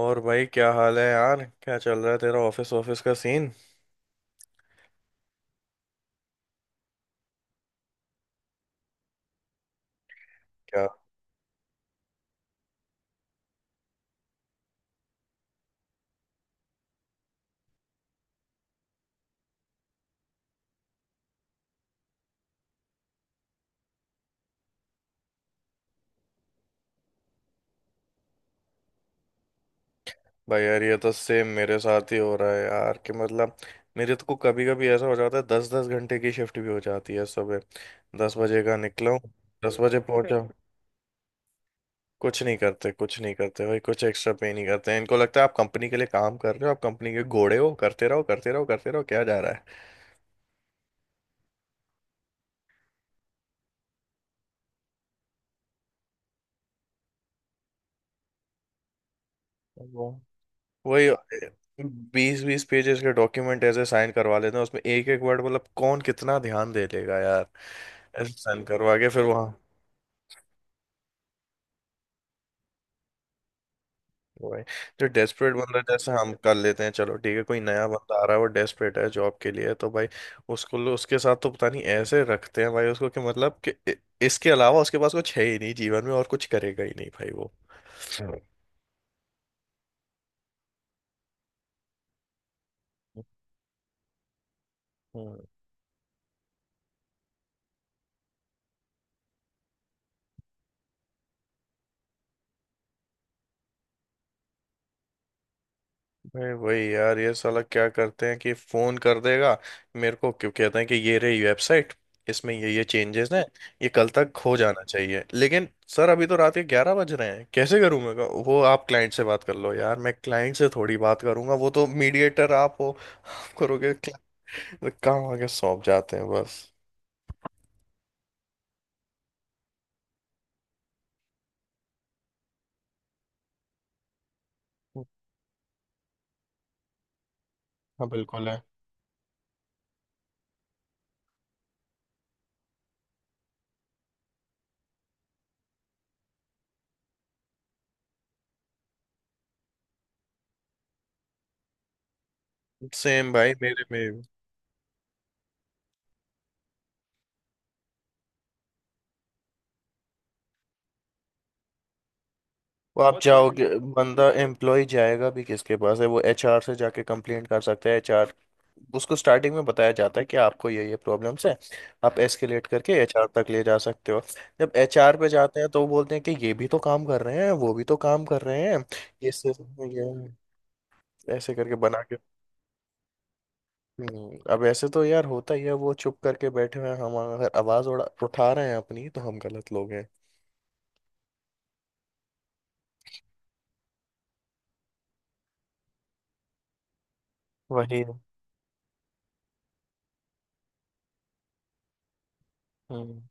और भाई क्या हाल है यार? क्या चल रहा है तेरा? ऑफिस ऑफिस का सीन क्या? भाई यार ये तो सेम मेरे साथ ही हो रहा है यार कि मतलब मेरे तो को कभी कभी ऐसा हो जाता है दस दस घंटे की शिफ्ट भी हो जाती है। सुबह दस बजे का निकला हूँ, दस बजे पहुंचा हूँ। कुछ नहीं करते, कुछ नहीं करते भाई, कुछ एक्स्ट्रा पे नहीं करते। इनको लगता है आप कंपनी के लिए काम कर रहे हो, आप कंपनी के घोड़े हो, करते रहो करते रहो करते रहो। क्या जा रहा है? वो। वही। बीस बीस पेजेस के डॉक्यूमेंट ऐसे साइन करवा लेते हैं, उसमें एक एक वर्ड मतलब कौन कितना ध्यान दे लेगा यार? ऐसे साइन करवा के फिर वहाँ। वही, जो डेस्परेट बंदा, जैसे हम कर लेते हैं, चलो ठीक है, कोई नया बंदा आ रहा है, वो डेस्परेट है जॉब के लिए, तो भाई उसको, उसके साथ तो पता नहीं ऐसे रखते हैं भाई उसको, कि मतलब कि इसके अलावा उसके पास कुछ है ही नहीं जीवन में और कुछ करेगा ही नहीं भाई वो। हम्म। अरे वही यार, ये साला क्या करते हैं कि फोन कर देगा। मेरे को क्यों कहते हैं कि ये रही वेबसाइट, इसमें ये चेंजेस हैं, ये कल तक हो जाना चाहिए। लेकिन सर अभी तो रात के 11 बज रहे हैं, कैसे करूं मैं? कहा, वो आप क्लाइंट से बात कर लो यार। मैं क्लाइंट से थोड़ी बात करूंगा, वो तो मीडिएटर आप हो, करोगे काम आगे सौंप जाते हैं बस। हाँ बिल्कुल है। सेम भाई मेरे में भी। वो आप बहुत सारी चाहोगे। बंदा एम्प्लॉय जाएगा भी किसके पास है? वो एचआर से जाके कंप्लेंट कर सकता है। एचआर उसको स्टार्टिंग में बताया जाता है कि आपको ये प्रॉब्लम्स है, आप एस्केलेट करके एचआर तक ले जा सकते हो। जब एचआर पे जाते हैं तो वो बोलते हैं कि ये भी तो काम कर रहे हैं, वो भी तो काम कर रहे हैं। ये सिर्फ ये ऐसे करके बना के। अब ऐसे तो यार होता ही है। वो चुप करके बैठे हुए हैं, हम अगर आवाज उड़ा उठा रहे हैं अपनी तो हम गलत लोग हैं। वही है। हम्म।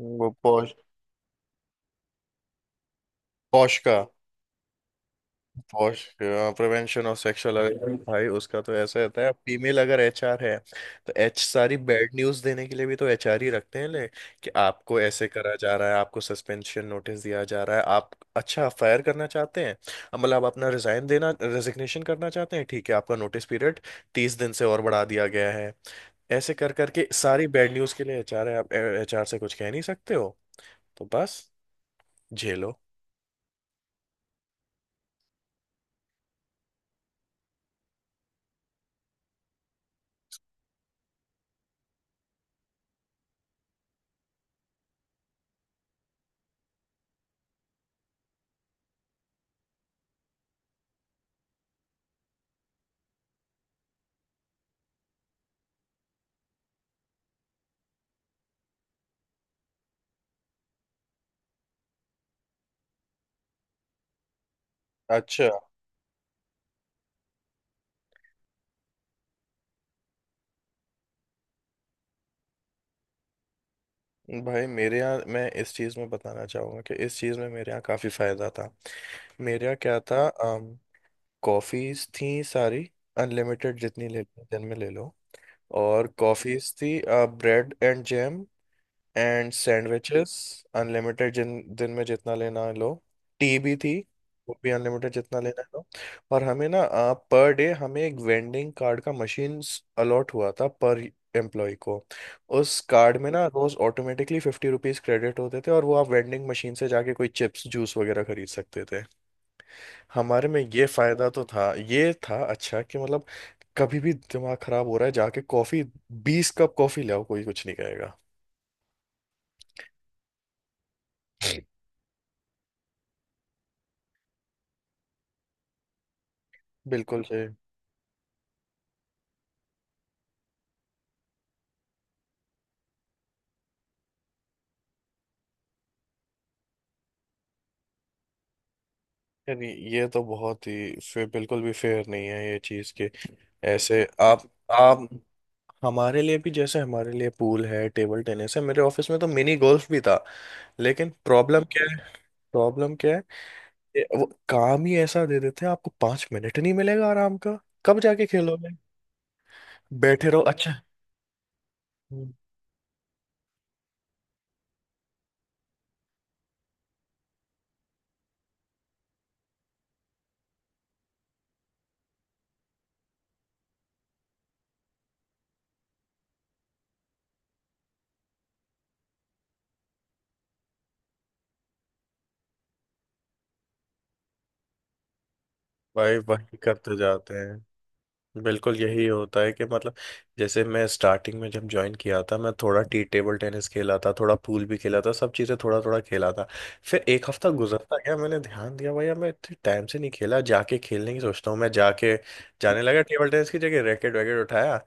वो पौश, पौश का, पहुंच, प्रिवेंशन ऑफ सेक्सुअल अवेलेबल भाई, उसका तो ऐसा रहता है। फीमेल अगर एचआर है तो एच सारी बैड न्यूज देने के लिए भी तो एचआर ही रखते हैं। ले कि आपको ऐसे करा जा रहा है, आपको सस्पेंशन नोटिस दिया जा रहा है, आप, अच्छा फायर करना चाहते हैं, अब मतलब आप अपना रिजाइन देना, रेजिग्नेशन करना चाहते हैं, ठीक है आपका नोटिस पीरियड 30 दिन से और बढ़ा दिया गया है। ऐसे कर करके सारी बैड न्यूज के लिए एचआर है, आप एचआर से कुछ कह नहीं सकते हो। तो बस झेलो। अच्छा भाई, मेरे यहाँ, मैं इस चीज़ में बताना चाहूँगा कि इस चीज़ में मेरे यहाँ काफ़ी फ़ायदा था। मेरे यहाँ क्या था? कॉफ़ीज़ थी सारी, अनलिमिटेड, जितनी ले दिन में ले लो। और कॉफ़ीज़ थी, bread and jam and sandwiches, unlimited, जिन दिन में जितना लेना है लो। टी भी थी, वो भी अनलिमिटेड, जितना लेना है लो। और हमें ना पर डे हमें एक वेंडिंग कार्ड का मशीन अलॉट हुआ था पर एम्प्लॉय को। उस कार्ड में ना रोज ऑटोमेटिकली 50 रुपीज क्रेडिट होते थे और वो आप वेंडिंग मशीन से जाके कोई चिप्स, जूस वगैरह खरीद सकते थे। हमारे में ये फायदा तो था, ये था अच्छा, कि मतलब कभी भी दिमाग खराब हो रहा है, जाके कॉफी, 20 कप कॉफी ले आओ, कोई कुछ नहीं कहेगा। बिल्कुल से। यानी ये तो बहुत ही, फिर बिल्कुल भी फेयर नहीं है ये चीज़ कि ऐसे आप हमारे लिए भी, जैसे हमारे लिए पूल है, टेबल टेनिस है, मेरे ऑफिस में तो मिनी गोल्फ भी था, लेकिन प्रॉब्लम क्या है, प्रॉब्लम क्या है, ये वो काम ही ऐसा दे देते हैं, आपको 5 मिनट नहीं मिलेगा आराम का, कब जाके खेलोगे? बैठे रहो अच्छा। हम्म। भाई वही करते जाते हैं। बिल्कुल यही होता है कि मतलब जैसे मैं स्टार्टिंग में जब ज्वाइन किया था मैं थोड़ा टी टेबल टेनिस खेला था, थोड़ा पूल भी खेला था, सब चीज़ें थोड़ा थोड़ा खेला था। फिर एक हफ्ता गुजरता गया, मैंने ध्यान दिया भैया मैं इतने टाइम से नहीं खेला, जाके खेलने की सोचता हूँ। मैं जाके, जाने लगा टेबल टेनिस की जगह, रैकेट वैकेट उठाया,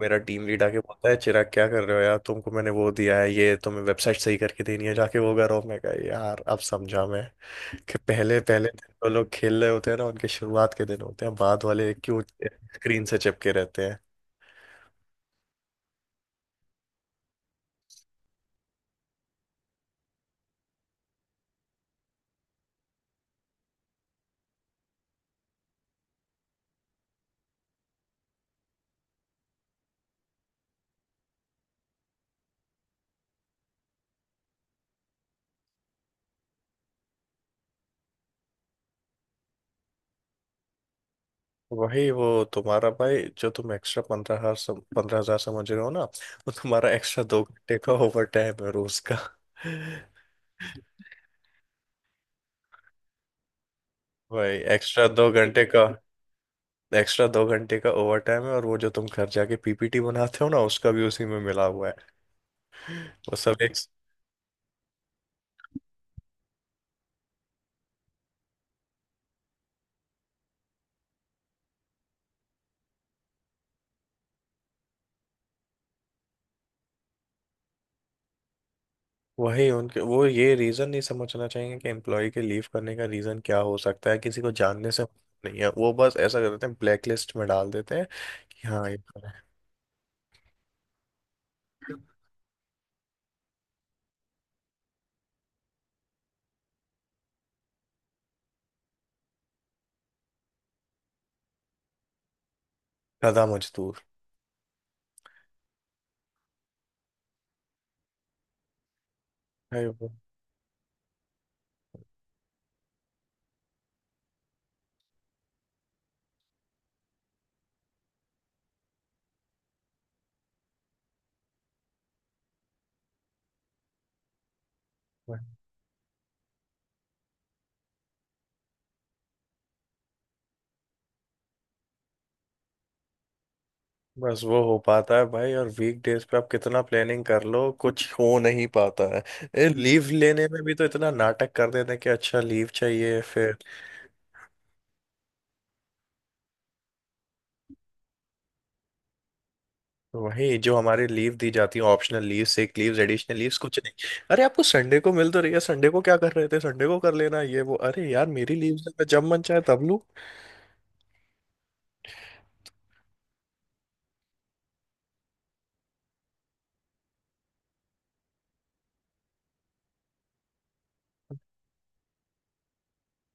मेरा टीम लीड आके बोलता है, चिराग क्या कर रहे हो यार? तुमको मैंने वो दिया है, ये तुम्हें वेबसाइट सही करके देनी है, जाके वो करो। मैं कहा यार अब समझा मैं कि पहले पहले जो लोग खेल रहे होते हैं ना उनके शुरुआत के दिन होते हैं, बाद वाले क्यों स्क्रीन से चिपके रहते हैं। वही, वो तुम्हारा भाई, जो तुम एक्स्ट्रा 15,000 15,000 समझ रहे हो ना, वो तुम्हारा एक्स्ट्रा 2 घंटे का ओवर टाइम है रोज का। भाई एक्स्ट्रा 2 घंटे का, एक्स्ट्रा 2 घंटे का ओवर टाइम है, और वो जो तुम घर जाके पीपीटी बनाते हो ना उसका भी उसी में मिला हुआ है। वो सब एक। वही उनके वो, ये रीजन नहीं समझना चाहिए कि एम्प्लॉय के लीव करने का रीजन क्या हो सकता है, किसी को जानने से नहीं है, वो बस ऐसा कर देते हैं ब्लैक लिस्ट में डाल देते हैं कि हाँ ये गधा मजदूर। भाई वो- बस वो हो पाता है भाई। और वीक डेज पे आप कितना प्लानिंग कर लो कुछ हो नहीं पाता है, लीव लेने में भी तो इतना नाटक कर देते हैं कि अच्छा लीव चाहिए? वही, जो हमारे लीव दी जाती है, optional leave, sick leaves, additional leaves, कुछ नहीं, अरे आपको संडे को मिल तो रही है, संडे को क्या कर रहे थे, संडे को कर लेना ये वो, अरे यार मेरी लीव्स है, मैं जब मन चाहे तब लूं।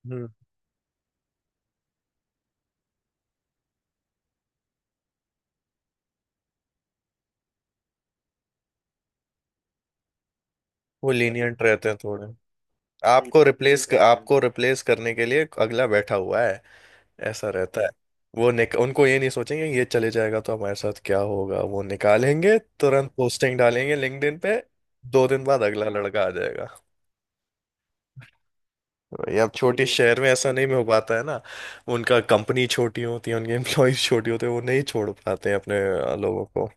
हम्म। वो लीनियंट रहते हैं थोड़े। आपको रिप्लेस करने के लिए अगला बैठा हुआ है, ऐसा रहता है। वो निक उनको ये नहीं सोचेंगे ये चले जाएगा तो हमारे साथ क्या होगा, वो निकालेंगे तुरंत, पोस्टिंग डालेंगे लिंक्डइन पे, 2 दिन बाद अगला लड़का आ जाएगा। भाई अब छोटे शहर में ऐसा नहीं हो पाता है ना, उनका कंपनी छोटी होती है, उनके एम्प्लॉयज छोटे होते हैं, वो नहीं छोड़ पाते हैं अपने लोगों को।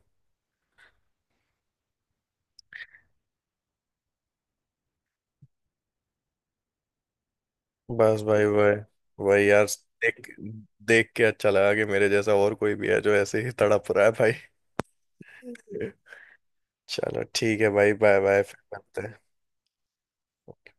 बस भाई वही, वही यार, देख देख के अच्छा लगा कि मेरे जैसा और कोई भी है जो ऐसे ही तड़प रहा है भाई। चलो ठीक है भाई, बाय बाय, फिर मिलते हैं।